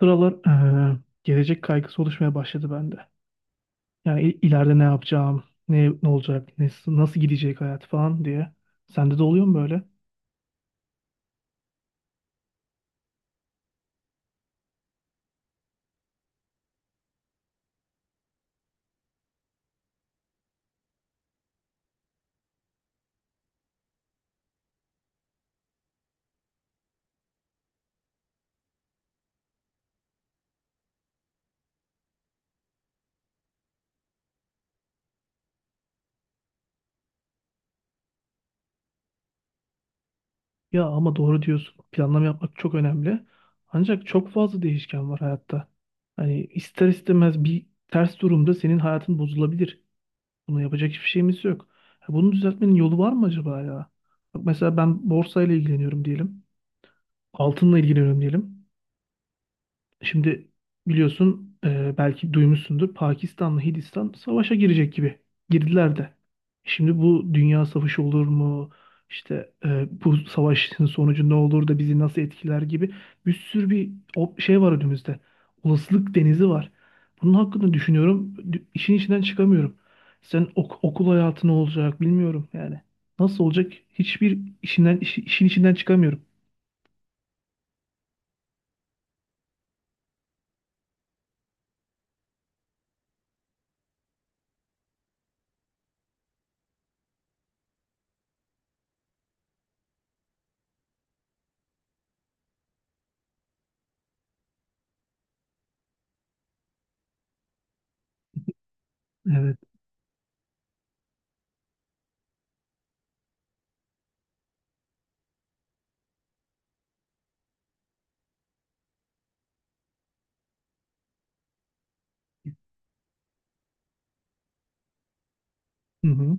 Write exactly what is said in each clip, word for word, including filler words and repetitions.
Sıralar eee, gelecek kaygısı oluşmaya başladı bende. Yani il- ileride ne yapacağım, ne ne olacak, ne, nasıl gidecek hayat falan diye. Sende de oluyor mu böyle? Ya ama doğru diyorsun. Planlama yapmak çok önemli. Ancak çok fazla değişken var hayatta. Hani ister istemez bir ters durumda senin hayatın bozulabilir. Bunu yapacak hiçbir şeyimiz yok. Ya bunu düzeltmenin yolu var mı acaba ya? Bak mesela ben borsayla ilgileniyorum diyelim. Altınla ilgileniyorum diyelim. Şimdi biliyorsun e, belki duymuşsundur Pakistan'la Hindistan savaşa girecek gibi girdiler de. Şimdi bu dünya savaşı olur mu? İşte e, bu savaşın sonucu ne olur da bizi nasıl etkiler gibi bir sürü bir o şey var önümüzde. Olasılık denizi var. Bunun hakkında düşünüyorum. Dü- İşin içinden çıkamıyorum. Sen ok- okul hayatı ne olacak bilmiyorum yani. Nasıl olacak? Hiçbir işinden işi- işin içinden çıkamıyorum. Evet. Hı hı.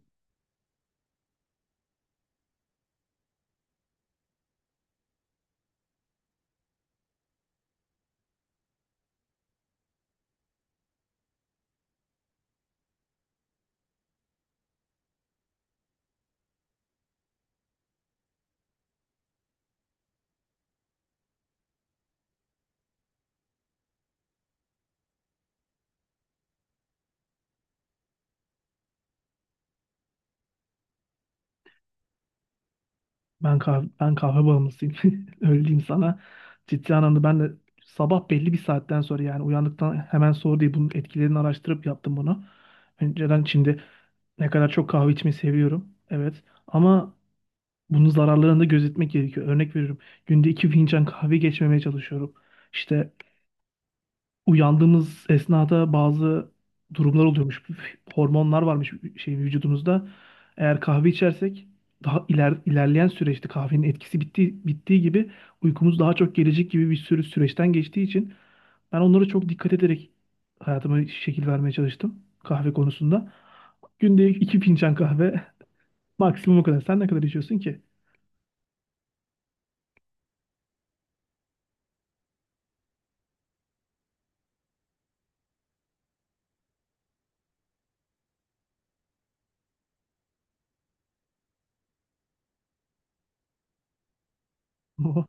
Ben kahve, ben kahve bağımlısıyım. Öyle diyeyim sana. Ciddi anlamda ben de sabah belli bir saatten sonra yani uyandıktan hemen sonra değil bunun etkilerini araştırıp yaptım bunu. Önceden şimdi ne kadar çok kahve içmeyi seviyorum. Evet. Ama bunun zararlarını da gözetmek gerekiyor. Örnek veriyorum. Günde iki fincan kahve geçmemeye çalışıyorum. İşte uyandığımız esnada bazı durumlar oluyormuş. Hormonlar varmış şey vücudumuzda. Eğer kahve içersek daha iler, ilerleyen süreçte kahvenin etkisi bitti bittiği gibi uykumuz daha çok gelecek gibi bir sürü süreçten geçtiği için ben onlara çok dikkat ederek hayatıma şekil vermeye çalıştım kahve konusunda. Günde iki fincan kahve maksimum o kadar. Sen ne kadar içiyorsun ki? Oh,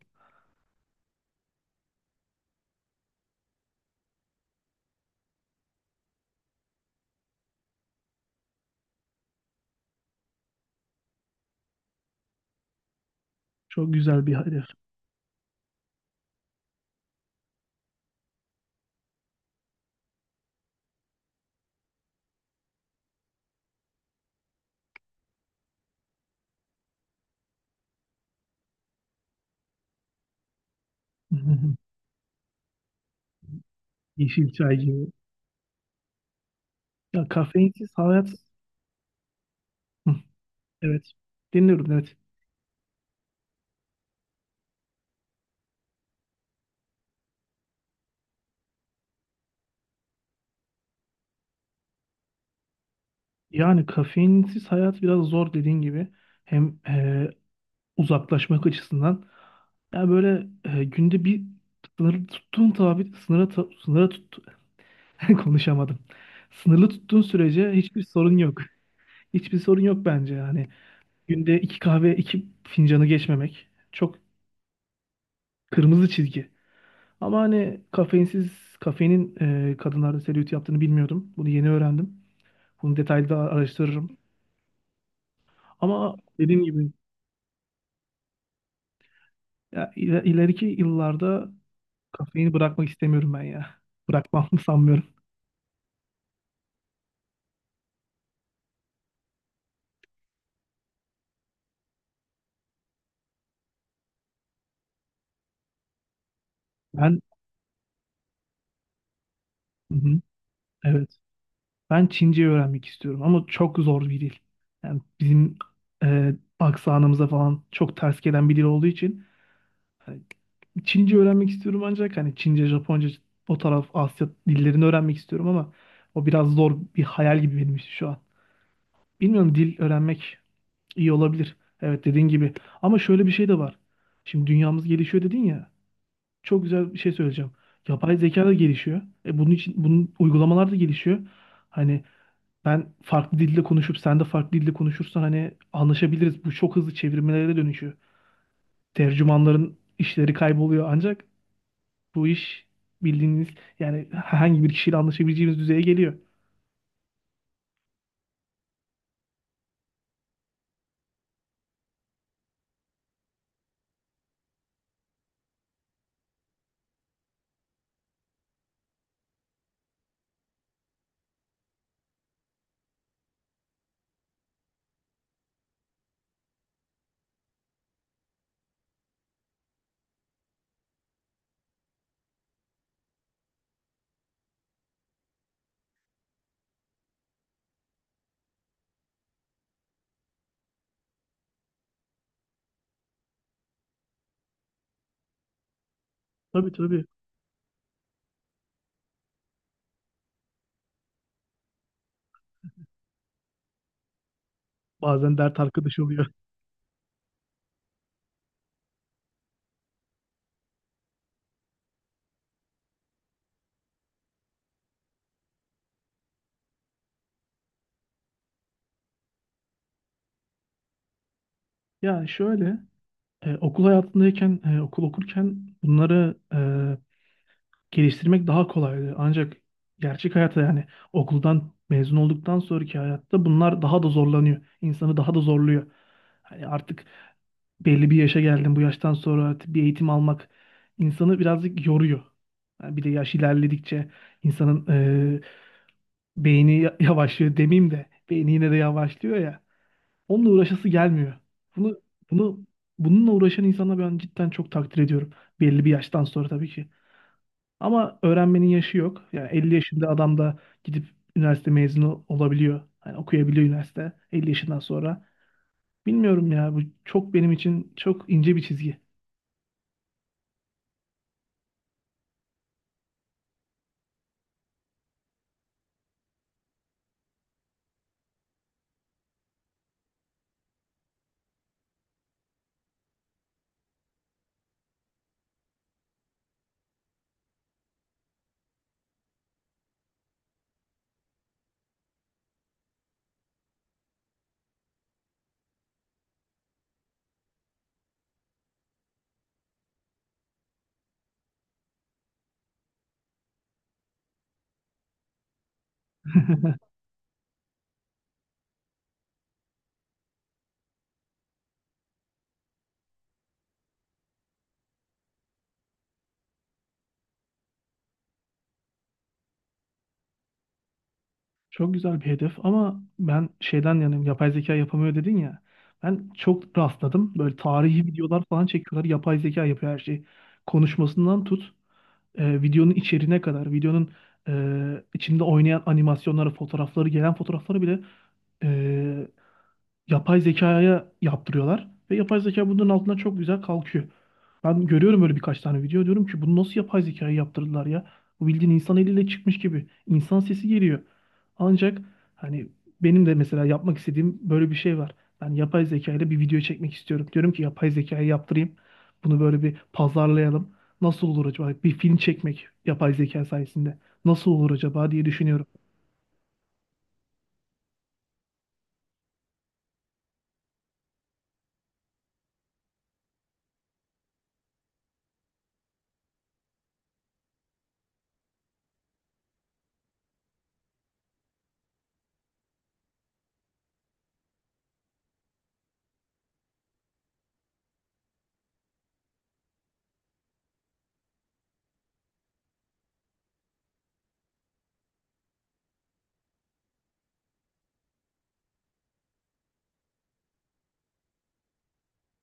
çok güzel bir hedef. Yeşil çay gibi. Ya kafeinsiz hayat. Evet. Dinliyorum, evet. Yani kafeinsiz hayat biraz zor dediğin gibi. Hem e, uzaklaşmak açısından. Yani böyle e, günde bir sınır tuttuğun tabi sınıra ta- sınıra tut konuşamadım. Sınırlı tuttuğun sürece hiçbir sorun yok. Hiçbir sorun yok bence yani. Günde iki kahve iki fincanı geçmemek çok kırmızı çizgi. Ama hani kafeinsiz kafeinin e, kadınlarda selülit yaptığını bilmiyordum. Bunu yeni öğrendim. Bunu detaylı da araştırırım. Ama dediğim gibi ya iler- ileriki yıllarda kafeini bırakmak istemiyorum ben ya. Bırakmam sanmıyorum. Ben hı hı, evet. Ben Çince öğrenmek istiyorum ama çok zor bir dil. Yani bizim e, aksanımıza falan çok ters gelen bir dil olduğu için hani Çince öğrenmek istiyorum ancak hani Çince, Japonca o taraf Asya dillerini öğrenmek istiyorum ama o biraz zor bir hayal gibi benim için şu an. Bilmiyorum, dil öğrenmek iyi olabilir. Evet, dediğin gibi. Ama şöyle bir şey de var. Şimdi dünyamız gelişiyor dedin ya. Çok güzel bir şey söyleyeceğim. Yapay zeka da gelişiyor. E bunun için bunun uygulamalar da gelişiyor. Hani ben farklı dilde konuşup sen de farklı dilde konuşursan hani anlaşabiliriz. Bu çok hızlı çevirmelere dönüşüyor. Tercümanların işleri kayboluyor, ancak bu iş bildiğiniz yani herhangi bir kişiyle anlaşabileceğimiz düzeye geliyor. Tabii, tabii. Bazen dert arkadaşı oluyor. Ya şöyle e, okul hayatındayken e, okul okurken bunları e, geliştirmek daha kolaydı. Ancak gerçek hayata yani okuldan mezun olduktan sonraki hayatta bunlar daha da zorlanıyor. İnsanı daha da zorluyor. Hani artık belli bir yaşa geldim. Bu yaştan sonra artık bir eğitim almak insanı birazcık yoruyor. Yani bir de yaş ilerledikçe insanın e, beyni ya- yavaşlıyor demeyeyim de beyni yine de yavaşlıyor ya. Onunla uğraşası gelmiyor. Bunu bunu bununla uğraşan insanı ben cidden çok takdir ediyorum. Belli bir yaştan sonra tabii ki. Ama öğrenmenin yaşı yok. Yani elli yaşında adam da gidip üniversite mezunu olabiliyor. Hani okuyabiliyor üniversite elli yaşından sonra. Bilmiyorum ya, bu çok benim için çok ince bir çizgi. Çok güzel bir hedef ama ben şeyden yanayım, yapay zeka yapamıyor dedin ya. Ben çok rastladım. Böyle tarihi videolar falan çekiyorlar. Yapay zeka yapıyor her şeyi. Konuşmasından tut e, videonun içeriğine kadar, videonun e, içinde oynayan animasyonları, fotoğrafları, gelen fotoğrafları bile e, yapay zekaya yaptırıyorlar. Ve yapay zeka bunun altından çok güzel kalkıyor. Ben görüyorum öyle birkaç tane video, diyorum ki bunu nasıl yapay zekaya yaptırdılar ya? Bu bildiğin insan eliyle çıkmış gibi. İnsan sesi geliyor. Ancak hani benim de mesela yapmak istediğim böyle bir şey var. Ben yapay zeka ile bir video çekmek istiyorum. Diyorum ki yapay zekaya yaptırayım. Bunu böyle bir pazarlayalım. Nasıl olur acaba? Bir film çekmek yapay zeka sayesinde. Nasıl olur acaba diye düşünüyorum.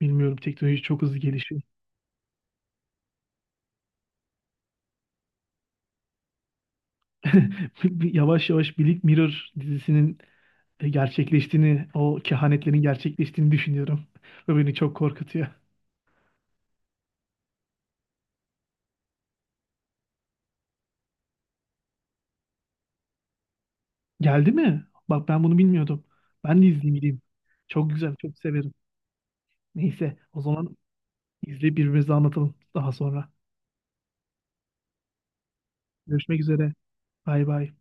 Bilmiyorum, teknoloji çok hızlı gelişiyor. Yavaş yavaş Black Mirror dizisinin e, gerçekleştiğini, o kehanetlerin gerçekleştiğini düşünüyorum. Ve beni çok korkutuyor. Geldi mi? Bak ben bunu bilmiyordum. Ben de izleyeyim gideyim. Çok güzel, çok severim. Neyse o zaman izleyip birbirimize anlatalım daha sonra. Görüşmek üzere. Bay bay.